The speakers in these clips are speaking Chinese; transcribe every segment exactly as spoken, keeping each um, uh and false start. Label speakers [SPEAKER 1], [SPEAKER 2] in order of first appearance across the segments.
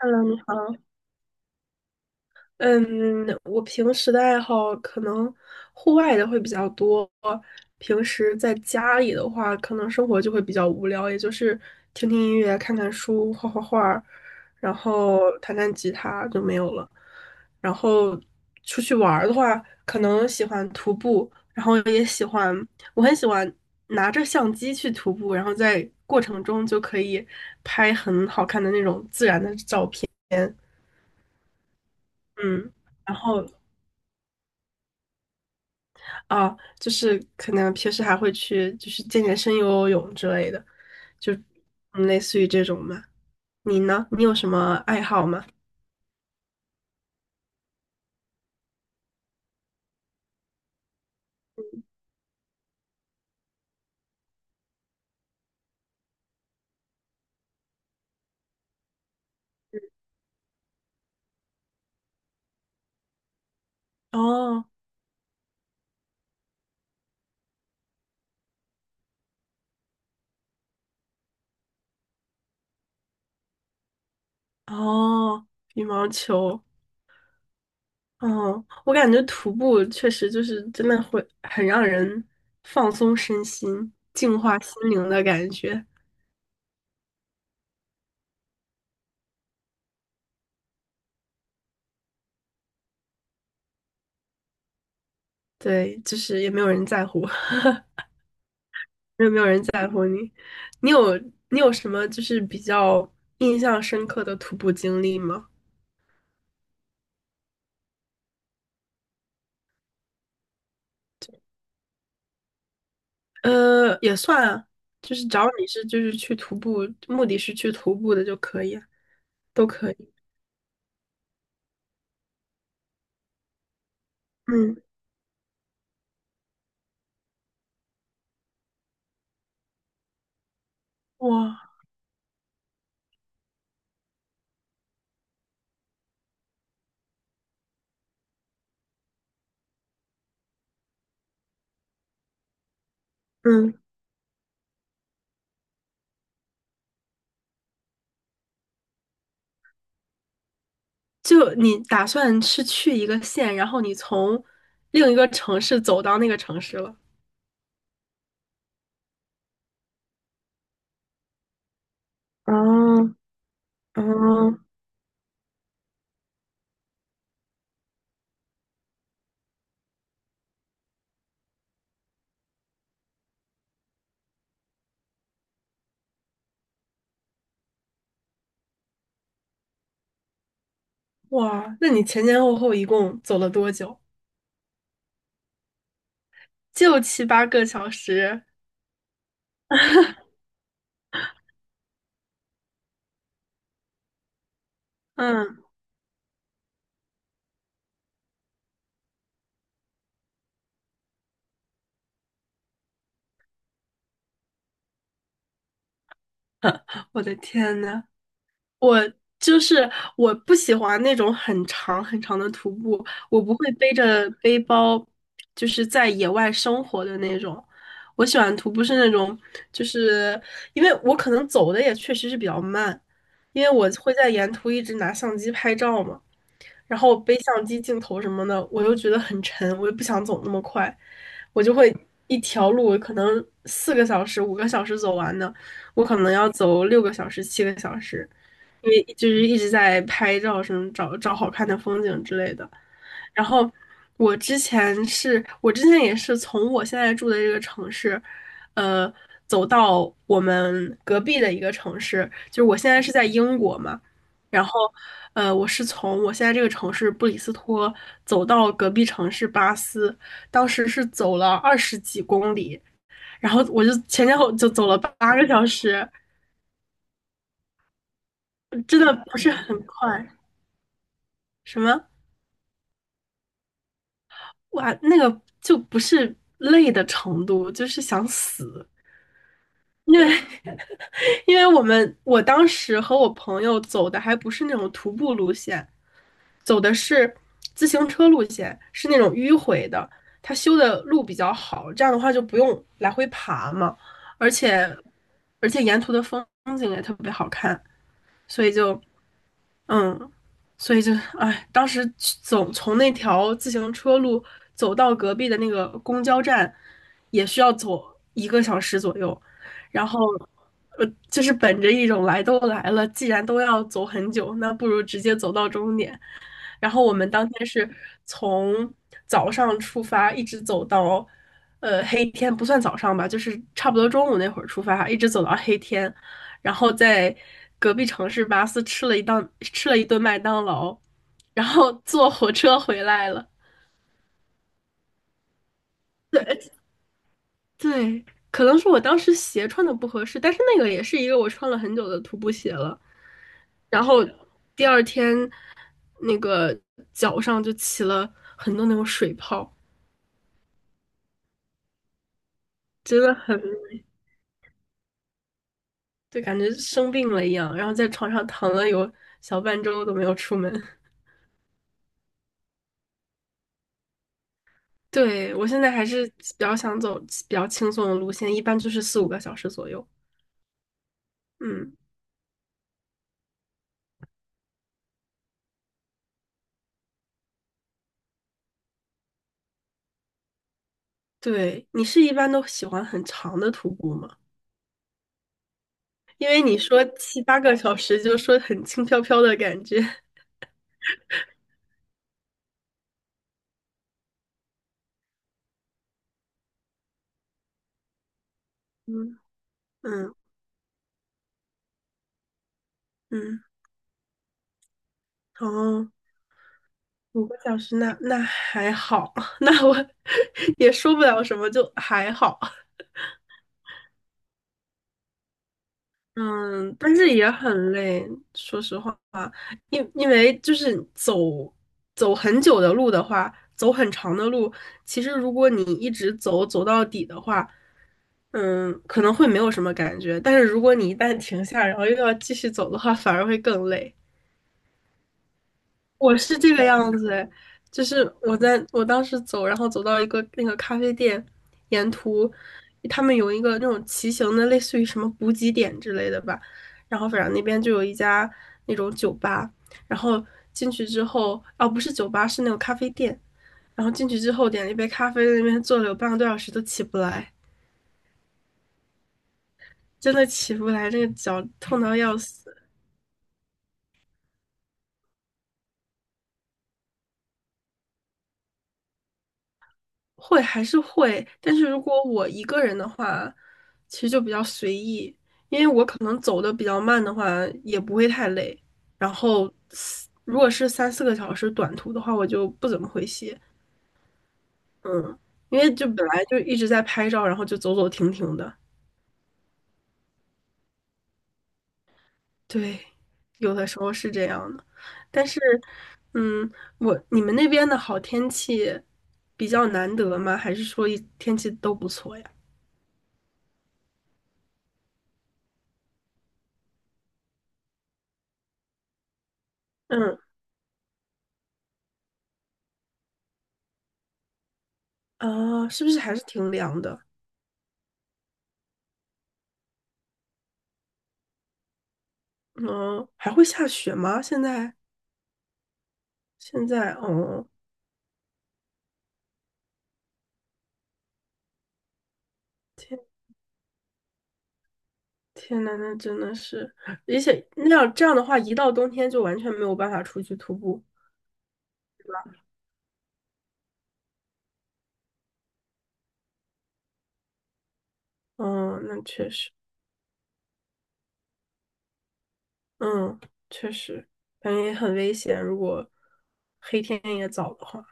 [SPEAKER 1] Hello，你好。嗯，我平时的爱好可能户外的会比较多，平时在家里的话，可能生活就会比较无聊，也就是听听音乐、看看书、画画画，然后弹弹吉他就没有了。然后出去玩儿的话，可能喜欢徒步，然后也喜欢，我很喜欢拿着相机去徒步，然后在过程中就可以拍很好看的那种自然的照片。嗯，然后啊，就是可能平时还会去，就是健健身、游游泳之类的，就嗯类似于这种嘛。你呢？你有什么爱好吗？哦哦，羽毛球。哦，我感觉徒步确实就是真的会很让人放松身心、净化心灵的感觉。对，就是也没有人在乎。没有，没有人在乎你。你有你有什么就是比较印象深刻的徒步经历吗？呃，也算啊，就是只要你是就是去徒步，目的是去徒步的就可以啊都可以。嗯，哇，嗯，就你打算是去一个县，然后你从另一个城市走到那个城市了。哦哦，哇，那你前前后后一共走了多久？就七八个小时。嗯，我的天呐，我就是我不喜欢那种很长很长的徒步，我不会背着背包，就是在野外生活的那种。我喜欢徒步是那种，就是因为我可能走的也确实是比较慢，因为我会在沿途一直拿相机拍照嘛，然后背相机镜头什么的，我又觉得很沉，我又不想走那么快，我就会一条路可能四个小时、五个小时走完的，我可能要走六个小时、七个小时，因为就是一直在拍照什么找找好看的风景之类的。然后我之前是我之前也是从我现在住的这个城市，呃，走到我们隔壁的一个城市，就是我现在是在英国嘛，然后呃，我是从我现在这个城市布里斯托走到隔壁城市巴斯，当时是走了二十几公里，然后我就前前后就走了八个小时，真的不是很快。什么哇，那个就不是累的程度，就是想死。因为因为我们我当时和我朋友走的还不是那种徒步路线，走的是自行车路线，是那种迂回的。他修的路比较好，这样的话就不用来回爬嘛，而且而且沿途的风景也特别好看，所以就嗯，所以就，哎，当时去走从那条自行车路走到隔壁的那个公交站，也需要走一个小时左右。然后，呃，就是本着一种来都来了，既然都要走很久，那不如直接走到终点。然后我们当天是从早上出发，一直走到呃黑天，不算早上吧，就是差不多中午那会儿出发，一直走到黑天，然后在隔壁城市巴斯吃了一档吃了一顿麦当劳，然后坐火车回来了。对对，可能是我当时鞋穿的不合适，但是那个也是一个我穿了很久的徒步鞋了。然后第二天那个脚上就起了很多那种水泡。真的很，就感觉生病了一样，然后在床上躺了有小半周都没有出门。对，我现在还是比较想走比较轻松的路线，一般就是四五个小时左右。嗯，对，你是一般都喜欢很长的徒步吗？因为你说七八个小时，就说很轻飘飘的感觉。嗯嗯嗯，哦，五个小时那那还好，那我 也说不了什么，就还好。嗯，但是也很累，说实话，因因为就是走走很久的路的话，走很长的路，其实如果你一直走走到底的话，嗯，可能会没有什么感觉，但是如果你一旦停下，然后又要继续走的话，反而会更累。我是这个样子诶，就是我在我当时走，然后走到一个那个咖啡店，沿途他们有一个那种骑行的，类似于什么补给点之类的吧，然后反正那边就有一家那种酒吧，然后进去之后，哦不是酒吧，是那种咖啡店，然后进去之后点了一杯咖啡，在那边坐了有半个多小时都起不来，真的起不来，那个脚痛到要死。会还是会，但是如果我一个人的话，其实就比较随意，因为我可能走的比较慢的话，也不会太累。然后四如果是三四个小时短途的话，我就不怎么会歇。嗯，因为就本来就一直在拍照，然后就走走停停的，对，有的时候是这样的。但是，嗯，我你们那边的好天气比较难得吗？还是说一天气都不错呀？嗯，啊，是不是还是挺凉的？嗯，还会下雪吗？现在现在，哦，天天呐，那真的是，而且那样这样的话，一到冬天就完全没有办法出去徒步。嗯，那确实，嗯，确实，感觉也很危险。如果黑天也早的话，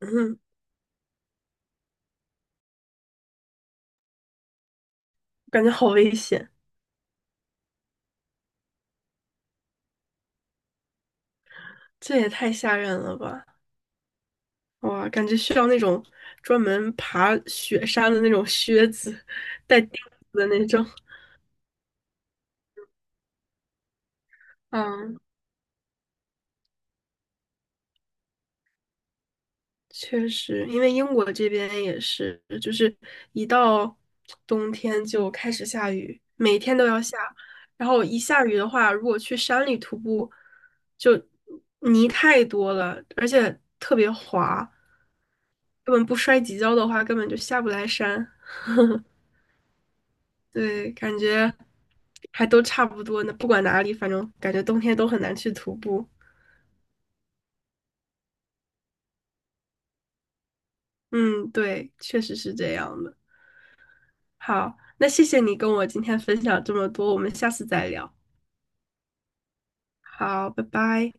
[SPEAKER 1] 嗯，感觉好危险，这也太吓人了吧！哇，感觉需要那种专门爬雪山的那种靴子，带钉子的那种。嗯，确实，因为英国这边也是，就是一到冬天就开始下雨，每天都要下。然后一下雨的话，如果去山里徒步，就泥太多了，而且特别滑，根本不摔几跤的话，根本就下不来山。对，感觉还都差不多呢，不管哪里，反正感觉冬天都很难去徒步。嗯，对，确实是这样的。好，那谢谢你跟我今天分享这么多，我们下次再聊。好，拜拜。